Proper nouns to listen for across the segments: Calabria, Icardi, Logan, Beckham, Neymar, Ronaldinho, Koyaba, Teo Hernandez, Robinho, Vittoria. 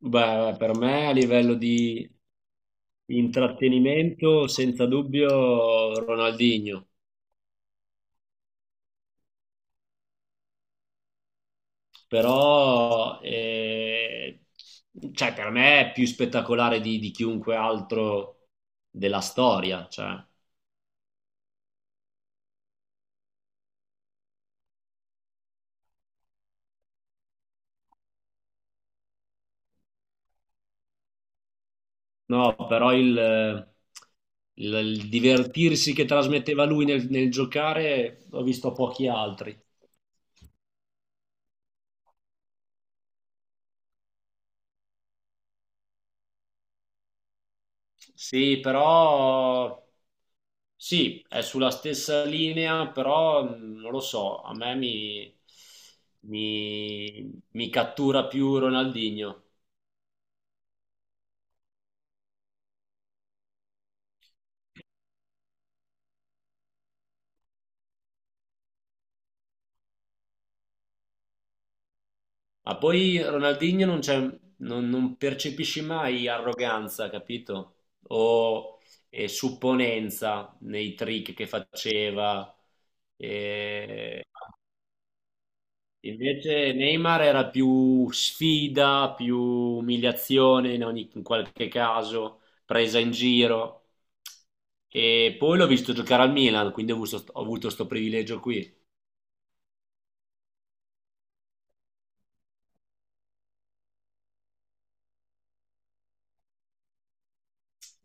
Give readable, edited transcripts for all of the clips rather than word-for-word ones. Beh, per me a livello di intrattenimento, senza dubbio Ronaldinho, però per me è più spettacolare di chiunque altro della storia. Cioè. No, però il divertirsi che trasmetteva lui nel giocare l'ho visto a pochi altri. Sì, però sì, è sulla stessa linea, però non lo so, a me mi, mi- mi cattura più Ronaldinho. Ma poi Ronaldinho non c'è, non percepisci mai arroganza, capito? O supponenza nei trick che faceva. eh, Invece Neymar era più sfida, più umiliazione in qualche caso, presa in giro. E poi l'ho visto giocare al Milan, quindi ho avuto sto privilegio qui.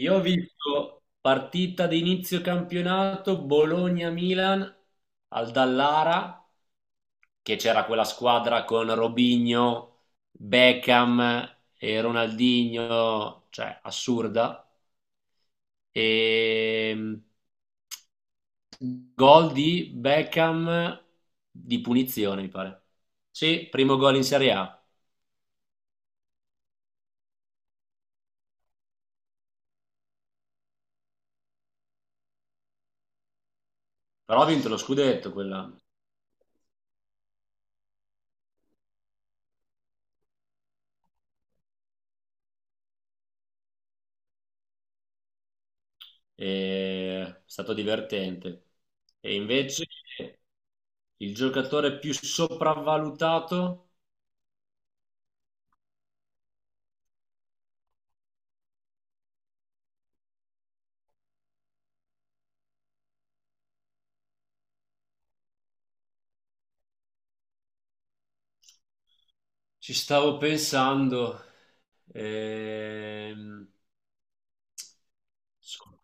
Io ho visto partita di inizio campionato Bologna-Milan al Dallara, che c'era quella squadra con Robinho, Beckham e Ronaldinho, cioè assurda. Ehm, Gol di Beckham di punizione, mi pare. Sì, primo gol in Serie A. Però ha vinto lo scudetto quell'anno. È stato divertente. E invece il giocatore più sopravvalutato, ci stavo pensando. Ehm, so-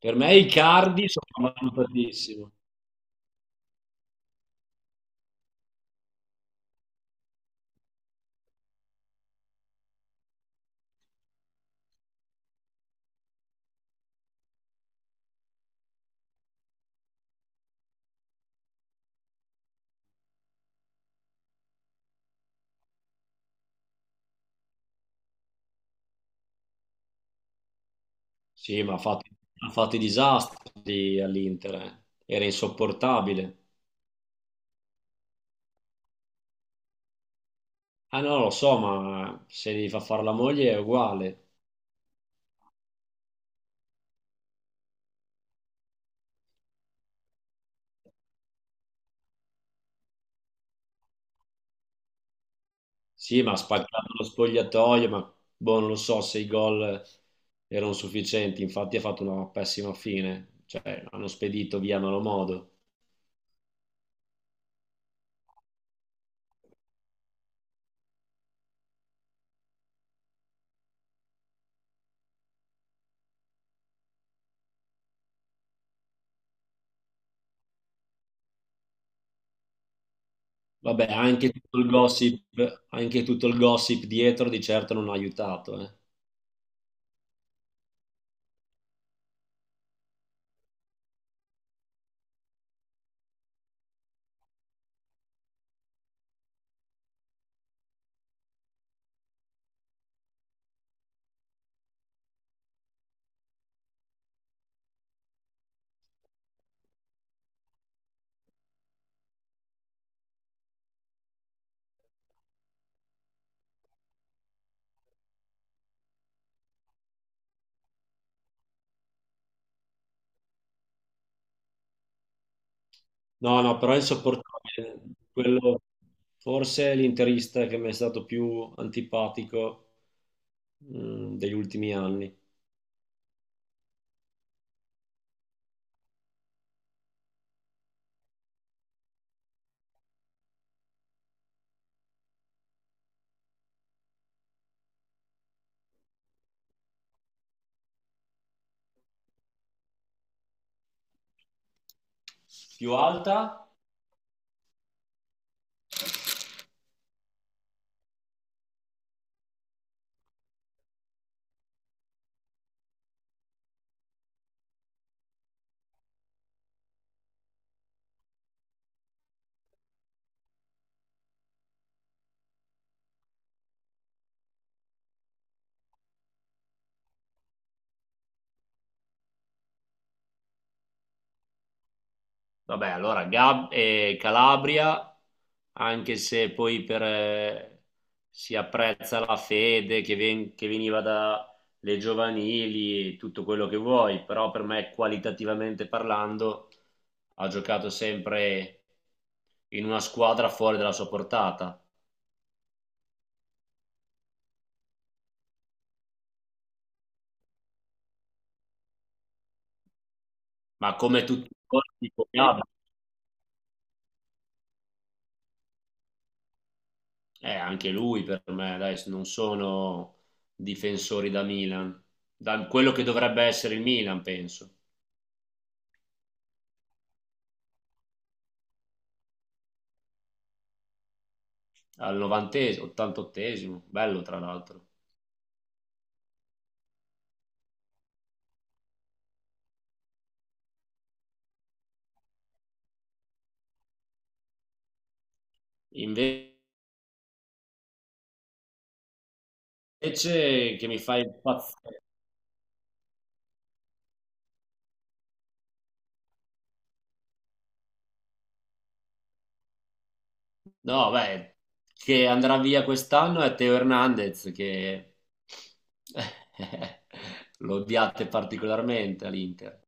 per me Icardi sopravvalutatissimo. Sì, ha fatto i disastri all'Inter, eh. Era insopportabile. Ah no, lo so, ma se gli fa fare la moglie è uguale. Sì, ma ha spaccato lo spogliatoio, ma boh, non lo so se i gol erano sufficienti, infatti ha fatto una pessima fine, cioè hanno spedito via a malo modo. Vabbè, anche tutto il gossip dietro di certo non ha aiutato, eh. No, no, però è insopportabile. Quello, forse è l'interista che mi è stato più antipatico mm, degli ultimi anni. Più alta? Vabbè, Calabria, anche se poi per, si apprezza la fede che veniva dalle giovanili, tutto quello che vuoi, però per me qualitativamente parlando ha giocato sempre in una squadra fuori dalla sua portata. Ma come tutti i colpi, Koyaba, anche lui per me, dai, non sono difensori da Milan, da quello che dovrebbe essere il Milan, penso, al 90esimo, 88esimo, bello tra l'altro. Invece che mi fa impazzire, no, beh, che andrà via quest'anno è Teo Hernandez, che lo odiate particolarmente all'Inter.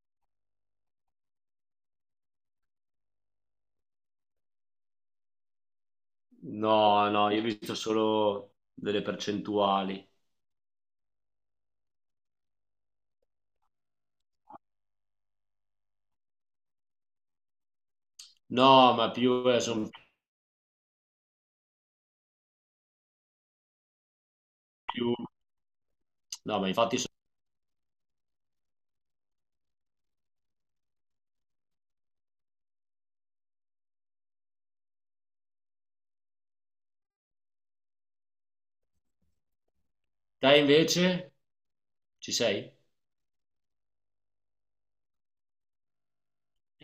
No, no, io ho visto solo delle percentuali. No, ma più, sono più... No, ma infatti sono... Te invece? Ci sei?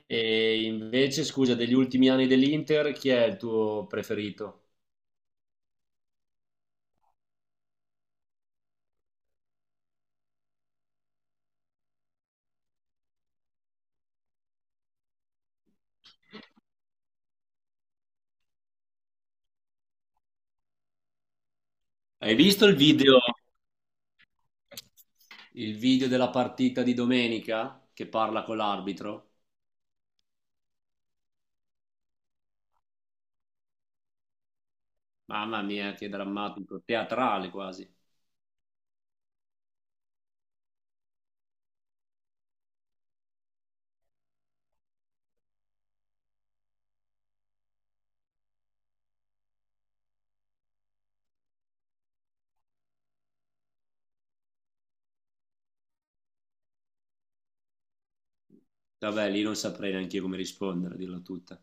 E invece, scusa, degli ultimi anni dell'Inter, chi è il tuo preferito? Hai visto il video della partita di domenica che parla con l'arbitro? Mamma mia, che drammatico, teatrale quasi. Vabbè, lì non saprei neanche io come rispondere, a dirla tutta.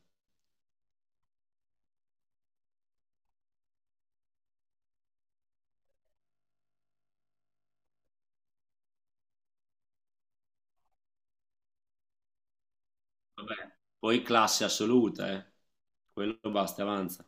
Vabbè, poi classe assoluta, eh. Quello basta, avanza.